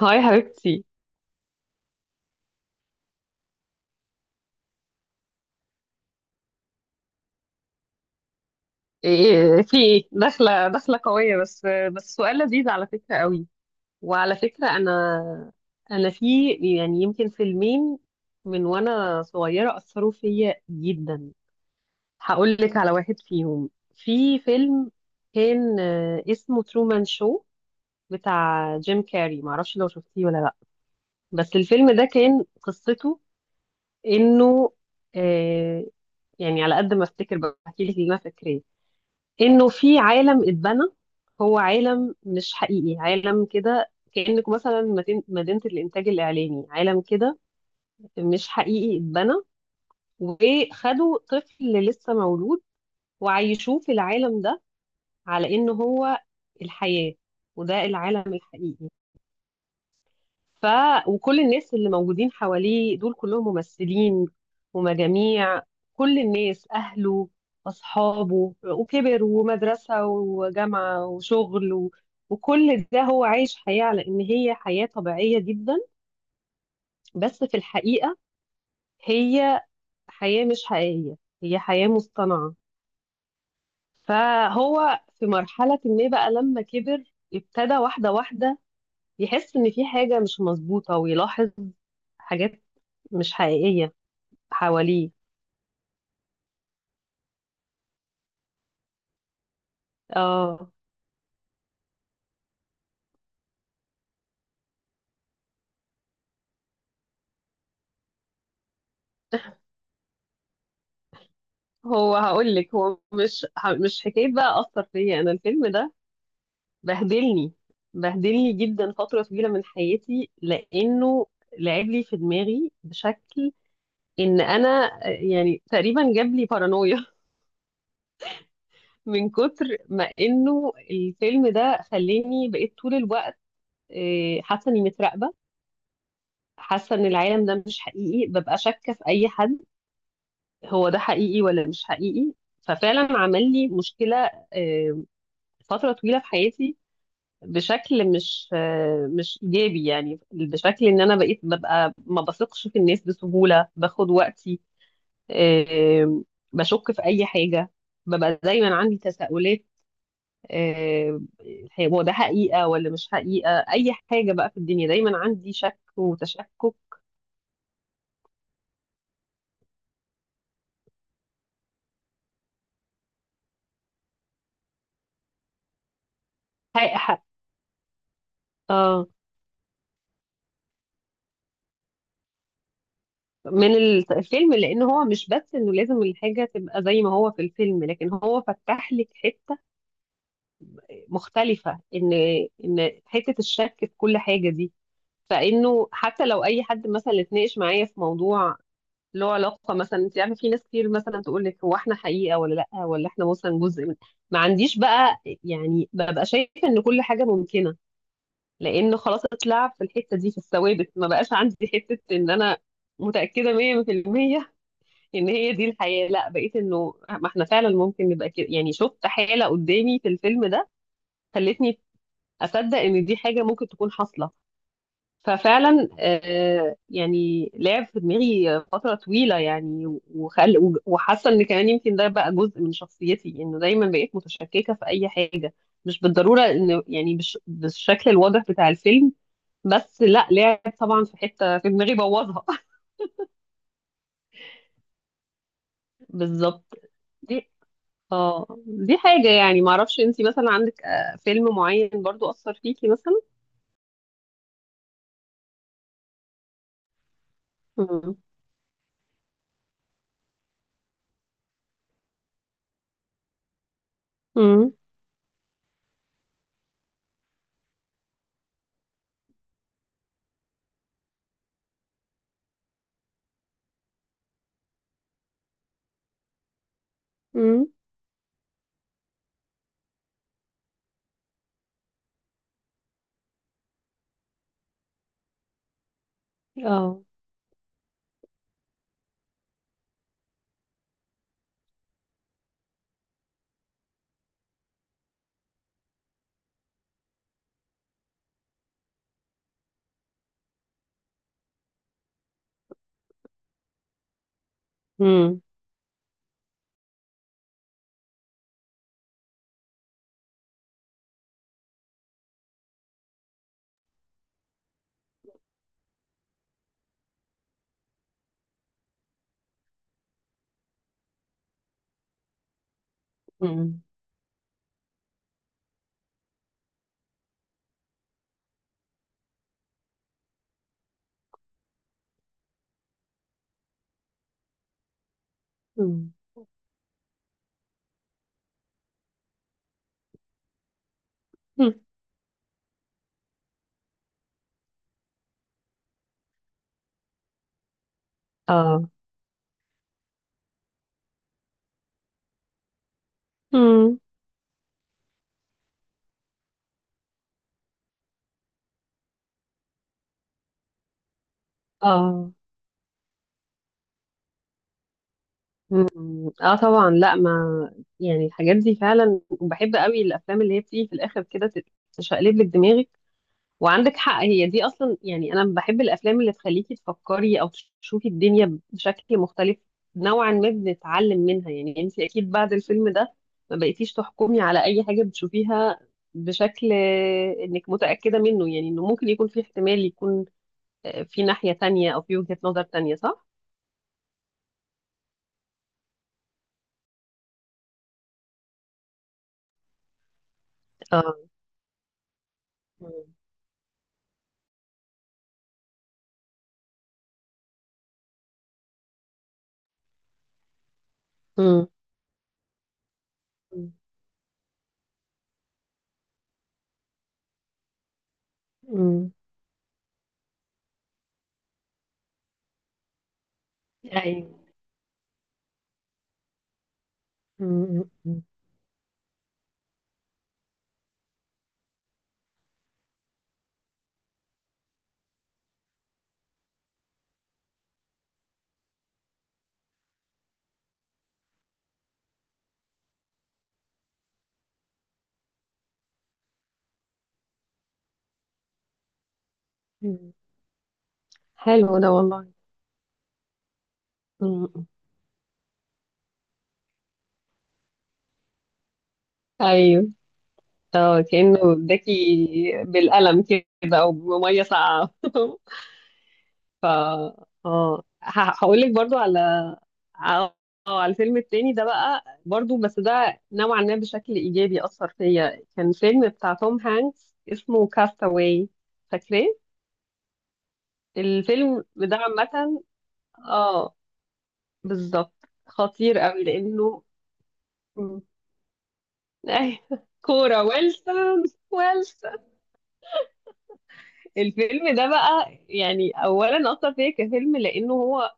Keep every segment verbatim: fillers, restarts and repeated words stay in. هاي حبيبتي. إيه، في ايه، داخله داخله قويه. بس بس سؤال لذيذ على فكره قوي. وعلى فكره انا انا في، يعني يمكن فيلمين من وانا صغيره اثروا فيا جدا. هقول لك على واحد فيهم. في فيلم كان، آه، اسمه ترومان شو، بتاع جيم كاري، معرفش لو شفتيه ولا لا. بس الفيلم ده كان قصته انه، آه، يعني على قد ما افتكر بحكي لك اللي انا فاكراه، انه في عالم اتبنى. هو عالم مش حقيقي، عالم كده كأنك مثلا مدين- مدينة الإنتاج الإعلامي، عالم كده مش حقيقي اتبنى. وخدوا طفل لسه مولود وعيشوه في العالم ده على إن هو الحياة وده العالم الحقيقي. ف وكل الناس اللي موجودين حواليه دول كلهم ممثلين ومجاميع، كل الناس، أهله، أصحابه، وكبر، ومدرسة، وجامعة، وشغل، و... وكل ده هو عايش حياة على إن هي حياة طبيعية جدا، بس في الحقيقة هي حياة مش حقيقية، هي حياة مصطنعة. فهو في مرحلة ما بقى لما كبر، ابتدى واحدة واحدة يحس إن في حاجة مش مظبوطة، ويلاحظ حاجات مش حقيقية حواليه. اه، هو هقول لك هو مش ه- مش حكايه بقى اثر فيا، انا الفيلم ده بهدلني، بهدلني جدا فتره طويله من حياتي، لانه لعب لي في دماغي بشكل ان انا، آه، يعني تقريبا جاب لي بارانويا من كتر ما انه الفيلم ده خلاني بقيت طول الوقت، آه، حاسه اني متراقبه، حاسه ان العالم ده مش حقيقي، ببقى شاكه في اي حد، هو ده حقيقي ولا مش حقيقي. ففعلا عمل لي مشكله، آه، فترة طويلة في حياتي، بشكل مش آه، مش إيجابي، يعني بشكل إن أنا بقيت ببقى ما بثقش في الناس بسهولة، باخد وقتي، آه، بشك في أي حاجة، ببقى دايما عندي تساؤلات، آه، هو ده حقيقة ولا مش حقيقة. أي حاجة بقى في الدنيا دايما عندي شك وتشكك. حق حق آه، من الت- الفيلم، لأن هو مش بس إنه لازم الحاجة تبقى زي ما هو في الفيلم، لكن هو فتح لك حتة مختلفة، ان ان حتة الشك في كل حاجة دي. فانه حتى لو اي حد مثلا اتناقش معايا في موضوع له علاقة، مثلا انت عارفة، في ناس كتير مثلا تقول لك هو احنا حقيقة ولا لا، ولا احنا مثلا جزء من، ما عنديش بقى يعني، ببقى شايفة ان كل حاجة ممكنة. لان خلاص اتلعب في الحتة دي، في الثوابت. ما بقاش عندي حتة ان انا متأكدة مية في المية ان هي دي الحياة، لا بقيت انه ما احنا فعلا ممكن نبقى كده. يعني شفت حالة قدامي في الفيلم ده خلتني اصدق ان دي حاجه ممكن تكون حاصله. ففعلا آه، يعني لعب في دماغي فتره طويله يعني. وخل و- وحاسه ان كمان يمكن ده بقى جزء من شخصيتي، انه دايما بقيت متشككه في اي حاجه، مش بالضروره ان يعني بالش- بالشكل الواضح بتاع الفيلم، بس لا، لعب طبعا في حته في دماغي، بوظها بالظبط. دي، اه دي حاجه يعني. معرفش انتي مثلا عندك، آه، فيلم معين برضو اثر فيكي مثلا. امم. امم. اه. امم. مم. مم. اه. مم. اه. مم. اه طبعا. لا، ما يعني الحاجات دي فعلا بحب قوي، الافلام اللي هي بتيجي في الاخر كده ت- تشقلب لك دماغك. وعندك حق، هي دي اصلا. يعني انا بحب الافلام اللي تخليكي تفكري او تشوفي الدنيا بشكل مختلف، نوعا ما بنتعلم منها. يعني انت اكيد بعد الفيلم ده ما بقيتيش تحكمي على اي حاجة بتشوفيها بشكل، آه، انك متأكدة منه. يعني انه ممكن يكون في احتمال يكون، آه، في ناحية تانية او في وجهة نظر تانية، صح. اه. مم. مم. مم. ايوه. مم. مم. مم. حلو ده والله. مم. ايوه. اه كأنه اداكي بالقلم كده او بميه ساقعه ف اه، هقول لك برضو على، اه، على الفيلم التاني ده بقى، برضو بس ده نوعا ما بشكل ايجابي اثر فيا. كان فيلم بتاع توم هانكس اسمه كاستاواي، فاكراه؟ الفيلم ده عامة، اه، بالظبط. خطير قوي لانه، مم. أيوة. كوره ويلسون. ويلسون. الفيلم ده بقى يعني اولا اثر فيا كفيلم، لانه هو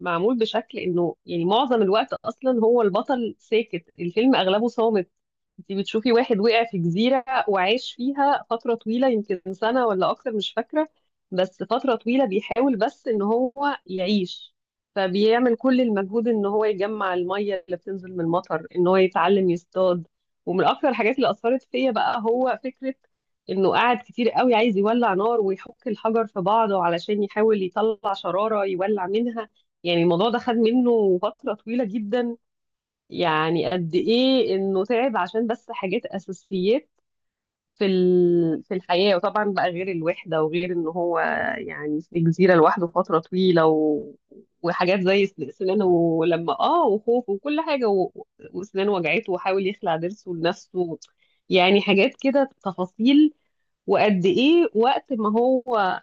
معمول بشكل انه يعني معظم الوقت اصلا هو البطل ساكت، الفيلم اغلبه صامت. انت بتشوفي واحد وقع في جزيرة وعاش فيها فترة طويلة، يمكن سنة ولا اكتر مش فاكرة، بس فترة طويلة بيحاول بس ان هو يعيش. فبيعمل كل المجهود ان هو يجمع المية اللي بتنزل من المطر، ان هو يتعلم يصطاد. ومن اكتر الحاجات اللي اثرت فيا بقى هو فكرة انه قعد كتير قوي عايز يولع نار، ويحك الحجر في بعضه علشان يحاول يطلع شرارة يولع منها. يعني الموضوع ده خد منه فترة طويلة جدا. يعني قد ايه انه تعب عشان بس حاجات اساسيات في ال... في الحياة. وطبعا بقى غير الوحدة، وغير ان هو يعني في جزيرة لوحده فترة طويلة، و... وحاجات زي سن- سنانه لما اه، وخوف، وكل حاجة، و... وسنانه وجعته، وحاول يخلع ضرسه لنفسه. يعني حاجات كده تفاصيل. وقد ايه وقت ما هو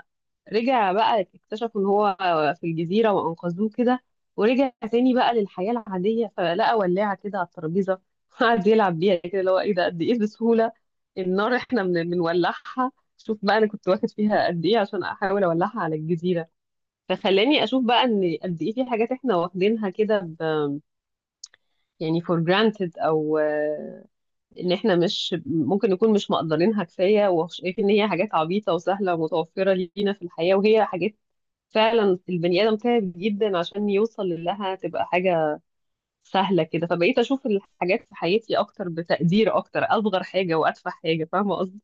رجع بقى، اكتشفوا ان هو في الجزيرة وانقذوه كده، ورجع تاني بقى للحياة العادية، فلقى ولاعة كده على الترابيزة، قعد يلعب بيها كده، اللي هو ايه ده، قد ايه بسهولة النار احنا بن- بنولعها. شوف بقى انا كنت واخد فيها قد ايه عشان احاول اولعها على الجزيرة. فخلاني اشوف بقى ان قد ايه في حاجات احنا واخدينها كده ب- يعني for granted، او ان احنا مش ممكن نكون مش مقدرينها كفايه، وشايفين ان هي حاجات عبيطه وسهله ومتوفره لينا في الحياه، وهي حاجات فعلا البني ادم تعب جدا عشان يوصل لها تبقى حاجه سهله كده. فبقيت اشوف الحاجات في حياتي اكتر، بتقدير اكتر، اصغر حاجه واتفه حاجه، فاهمه قصدي.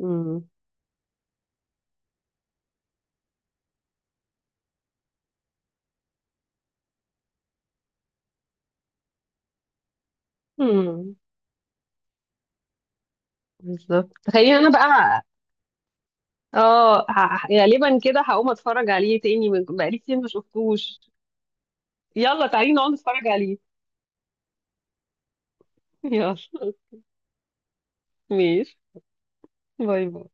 امم. امم. بالظبط. تخيل انا بقى، اه، ه- غالبا كده هقوم اتفرج عليه تاني، من بقالي كتير ما شفتوش. يلا تعالي نقعد نتفرج عليه. يلا. ماشي. باي باي.